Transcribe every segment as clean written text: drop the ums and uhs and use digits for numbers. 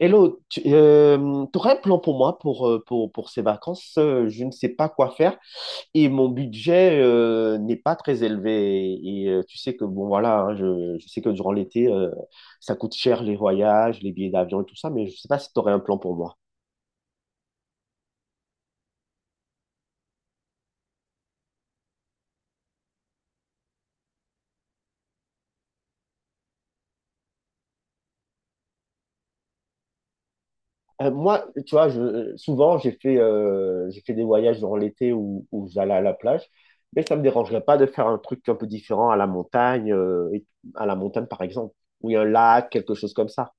Hello, tu aurais un plan pour moi pour ces vacances? Je ne sais pas quoi faire et mon budget n'est pas très élevé. Tu sais que, bon, voilà, hein, je sais que durant l'été, ça coûte cher les voyages, les billets d'avion et tout ça, mais je ne sais pas si tu aurais un plan pour moi. Moi, tu vois, souvent, j'ai fait des voyages durant l'été où j'allais à la plage, mais ça ne me dérangerait pas de faire un truc un peu différent à la à la montagne par exemple, où il y a un lac, quelque chose comme ça.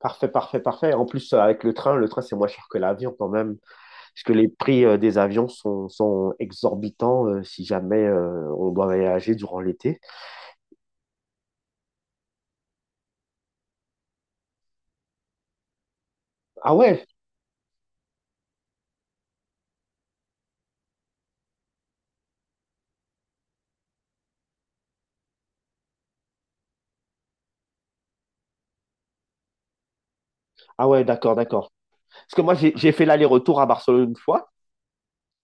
Parfait, parfait, parfait. En plus, avec le le train, c'est moins cher que l'avion quand même, parce que les prix des avions sont exorbitants si jamais on doit voyager durant l'été. Ah ouais, ah ouais, d'accord, d'accord. Parce que moi, j'ai fait l'aller-retour à Barcelone une fois,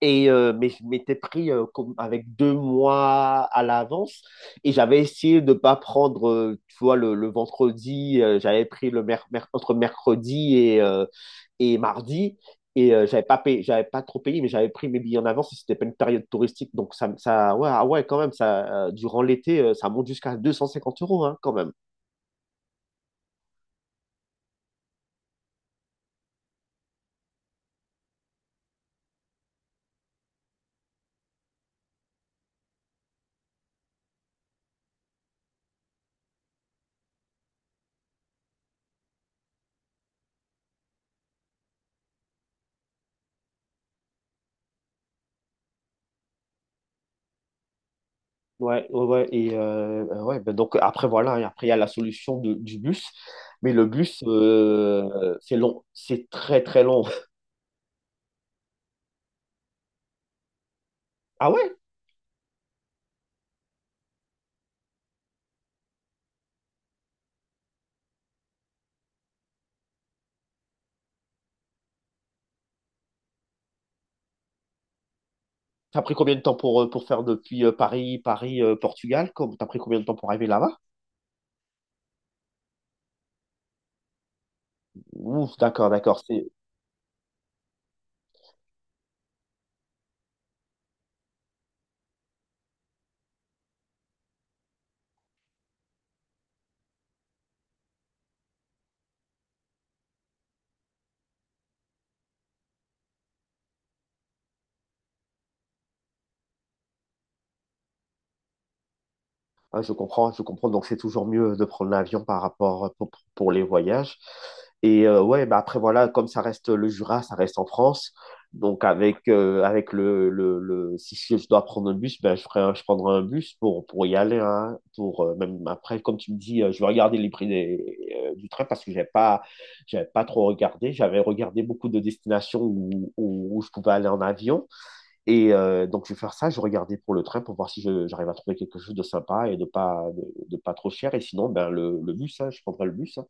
mais je m'étais pris comme avec deux mois à l'avance, et j'avais essayé de ne pas prendre, tu vois, le vendredi, j'avais pris le entre mercredi et mardi. J'avais pas payé, j'avais pas trop payé, mais j'avais pris mes billets en avance et c'était pas une période touristique. Donc ça ouais, ah ouais, quand même, ça, durant l'été, ça monte jusqu'à 250 euros, hein, quand même. Ouais, ouais, ouais. Ouais, ben donc après, voilà, et après, il y a la solution du bus. Mais le bus, c'est long, c'est très, très long. Ah ouais? T'as pris combien de temps pour pour faire depuis Paris, Portugal? T'as pris combien de temps pour arriver là-bas? Ouf, d'accord, d'accord. Ah, je comprends, je comprends. Donc, c'est toujours mieux de prendre l'avion par rapport pour les voyages. Ouais, bah après, voilà, comme ça reste le Jura, ça reste en France. Donc, avec si je dois prendre un bus, ben, je prendrai un bus pour y aller, hein, même après, comme tu me dis, je vais regarder les prix du train parce que j'avais pas trop regardé. J'avais regardé beaucoup de destinations où je pouvais aller en avion. Donc, je vais faire ça. Je vais regarder pour le train pour voir si j'arrive à trouver quelque chose de sympa et de de pas trop cher. Et sinon, ben, le bus, hein, je prendrai le bus, hein.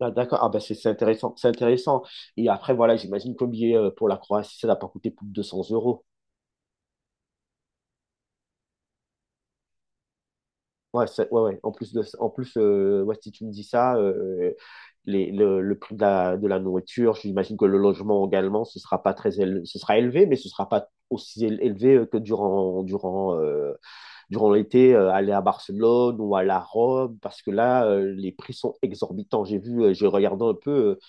Ah, d'accord. Ah, ben, c'est intéressant. C'est intéressant. Et après, voilà, j'imagine que le billet pour la Croatie, ça n'a pas coûté plus de 200 euros. Ouais, ouais, ouais. En plus, en plus, ouais, si tu me dis ça, le prix de de la nourriture, j'imagine que le logement également, ce sera pas très élevé, ce sera élevé, mais ce sera pas aussi élevé que durant l'été, aller à Barcelone ou aller à Rome, parce que là, les prix sont exorbitants. J'ai vu, j'ai regardé un peu,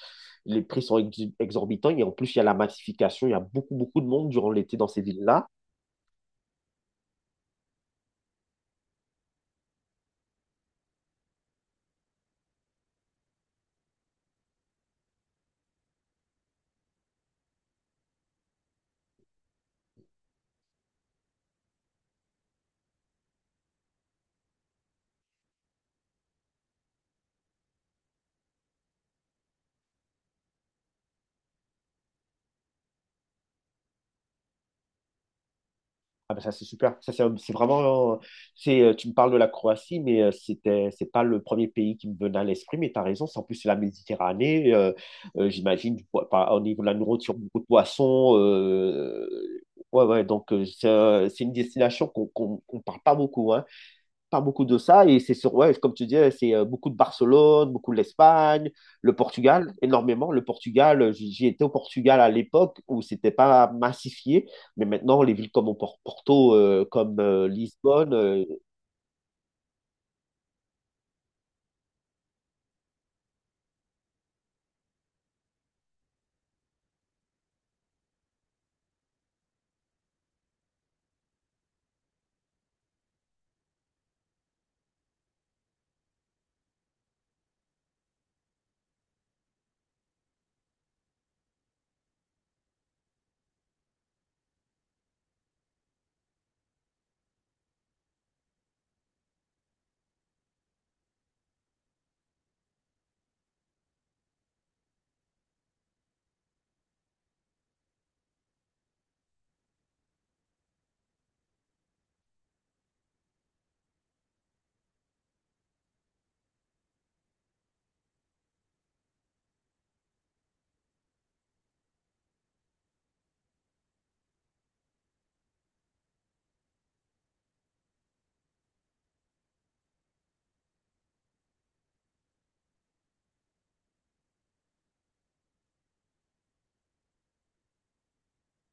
les prix sont exorbitants et en plus, il y a la massification, il y a beaucoup, beaucoup de monde durant l'été dans ces villes-là. Ah ben ça, c'est super. Ça, c'est un- c'est vraiment. Un- C'est, Tu me parles de la Croatie, mais c'est pas le premier pays qui me venait à l'esprit, mais tu as raison. En plus, c'est la Méditerranée, j'imagine, au niveau de la nourriture, beaucoup de poissons, ouais, ouais, c'est c'est une destination qu'on parle pas beaucoup, hein, pas beaucoup de ça. Et c'est sur, ouais, comme tu disais, c'est beaucoup de Barcelone, beaucoup de l'Espagne, le Portugal, énormément. Le Portugal, j'y étais au Portugal à l'époque où c'était pas massifié, mais maintenant, les villes comme au Porto, comme Lisbonne,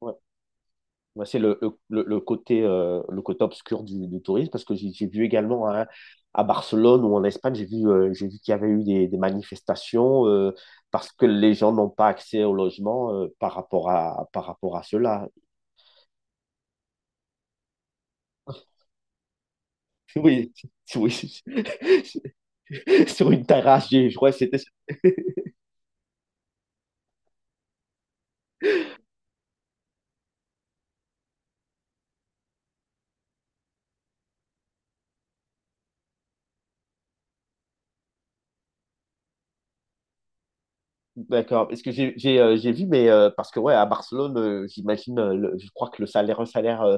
ouais, ouais, c'est le côté obscur du tourisme parce que j'ai vu également, hein, à Barcelone ou en Espagne, j'ai vu qu'il y avait eu des manifestations, parce que les gens n'ont pas accès au logement par rapport à cela. Oui, oui. Sur une terrasse, je crois que c'était. D'accord. Parce que j'ai vu, mais parce que ouais, à Barcelone, j'imagine, je crois que le salaire, un salaire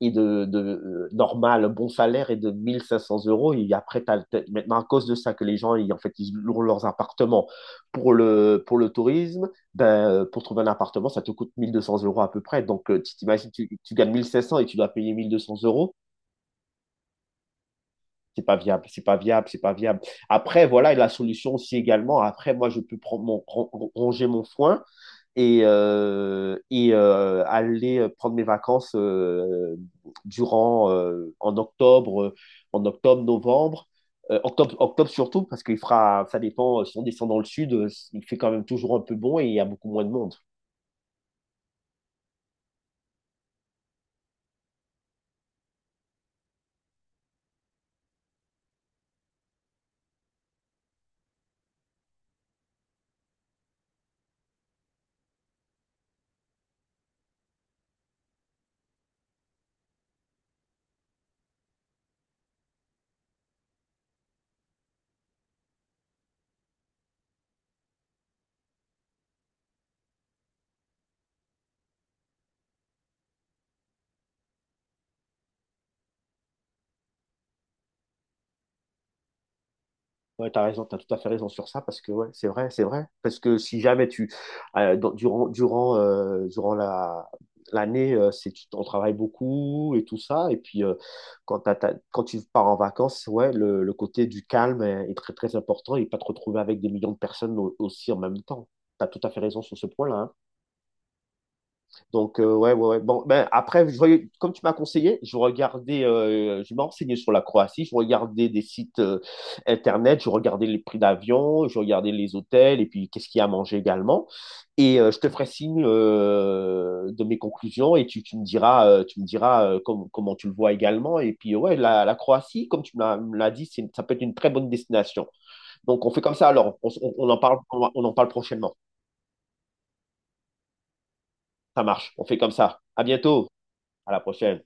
est de normal, un bon salaire est de 1 500 euros. Et après, maintenant, à cause de ça, que les gens, ils, en fait, ils louent leurs appartements pour pour le tourisme, ben, pour trouver un appartement, ça te coûte 1 200 euros à peu près. Donc, tu t'imagines, tu gagnes 1 500 et tu dois payer 1 200 euros. C'est pas viable, c'est pas viable, c'est pas viable. Après, voilà, et la solution aussi également. Après, moi, je peux prendre ronger mon foin et aller prendre mes vacances durant en octobre, novembre. Octobre, octobre surtout parce qu'il fera, ça dépend, si on descend dans le sud, il fait quand même toujours un peu bon et il y a beaucoup moins de monde. Ouais, t'as raison, t'as tout à fait raison sur ça parce que ouais, c'est vrai, c'est vrai. Parce que si jamais tu durant durant la l'année, on travaille beaucoup et tout ça, et puis quand quand tu pars en vacances, ouais, le côté du calme est très très important et pas te retrouver avec des millions de personnes aussi en même temps. T'as tout à fait raison sur ce point-là, hein. Donc, ouais, ouais, ouais. Bon, ben, après, comme tu m'as conseillé, je regardais, je me renseignais sur la Croatie, je regardais des sites internet, je regardais les prix d'avion, je regardais les hôtels et puis qu'est-ce qu'il y a à manger également. Je te ferai signe de mes conclusions et tu me diras comment tu le vois également. Et puis, ouais, la Croatie, comme tu me l'as dit, ça peut être une très bonne destination. Donc, on fait comme ça alors. On en parle, on en parle prochainement. Ça marche. On fait comme ça. À bientôt. À la prochaine.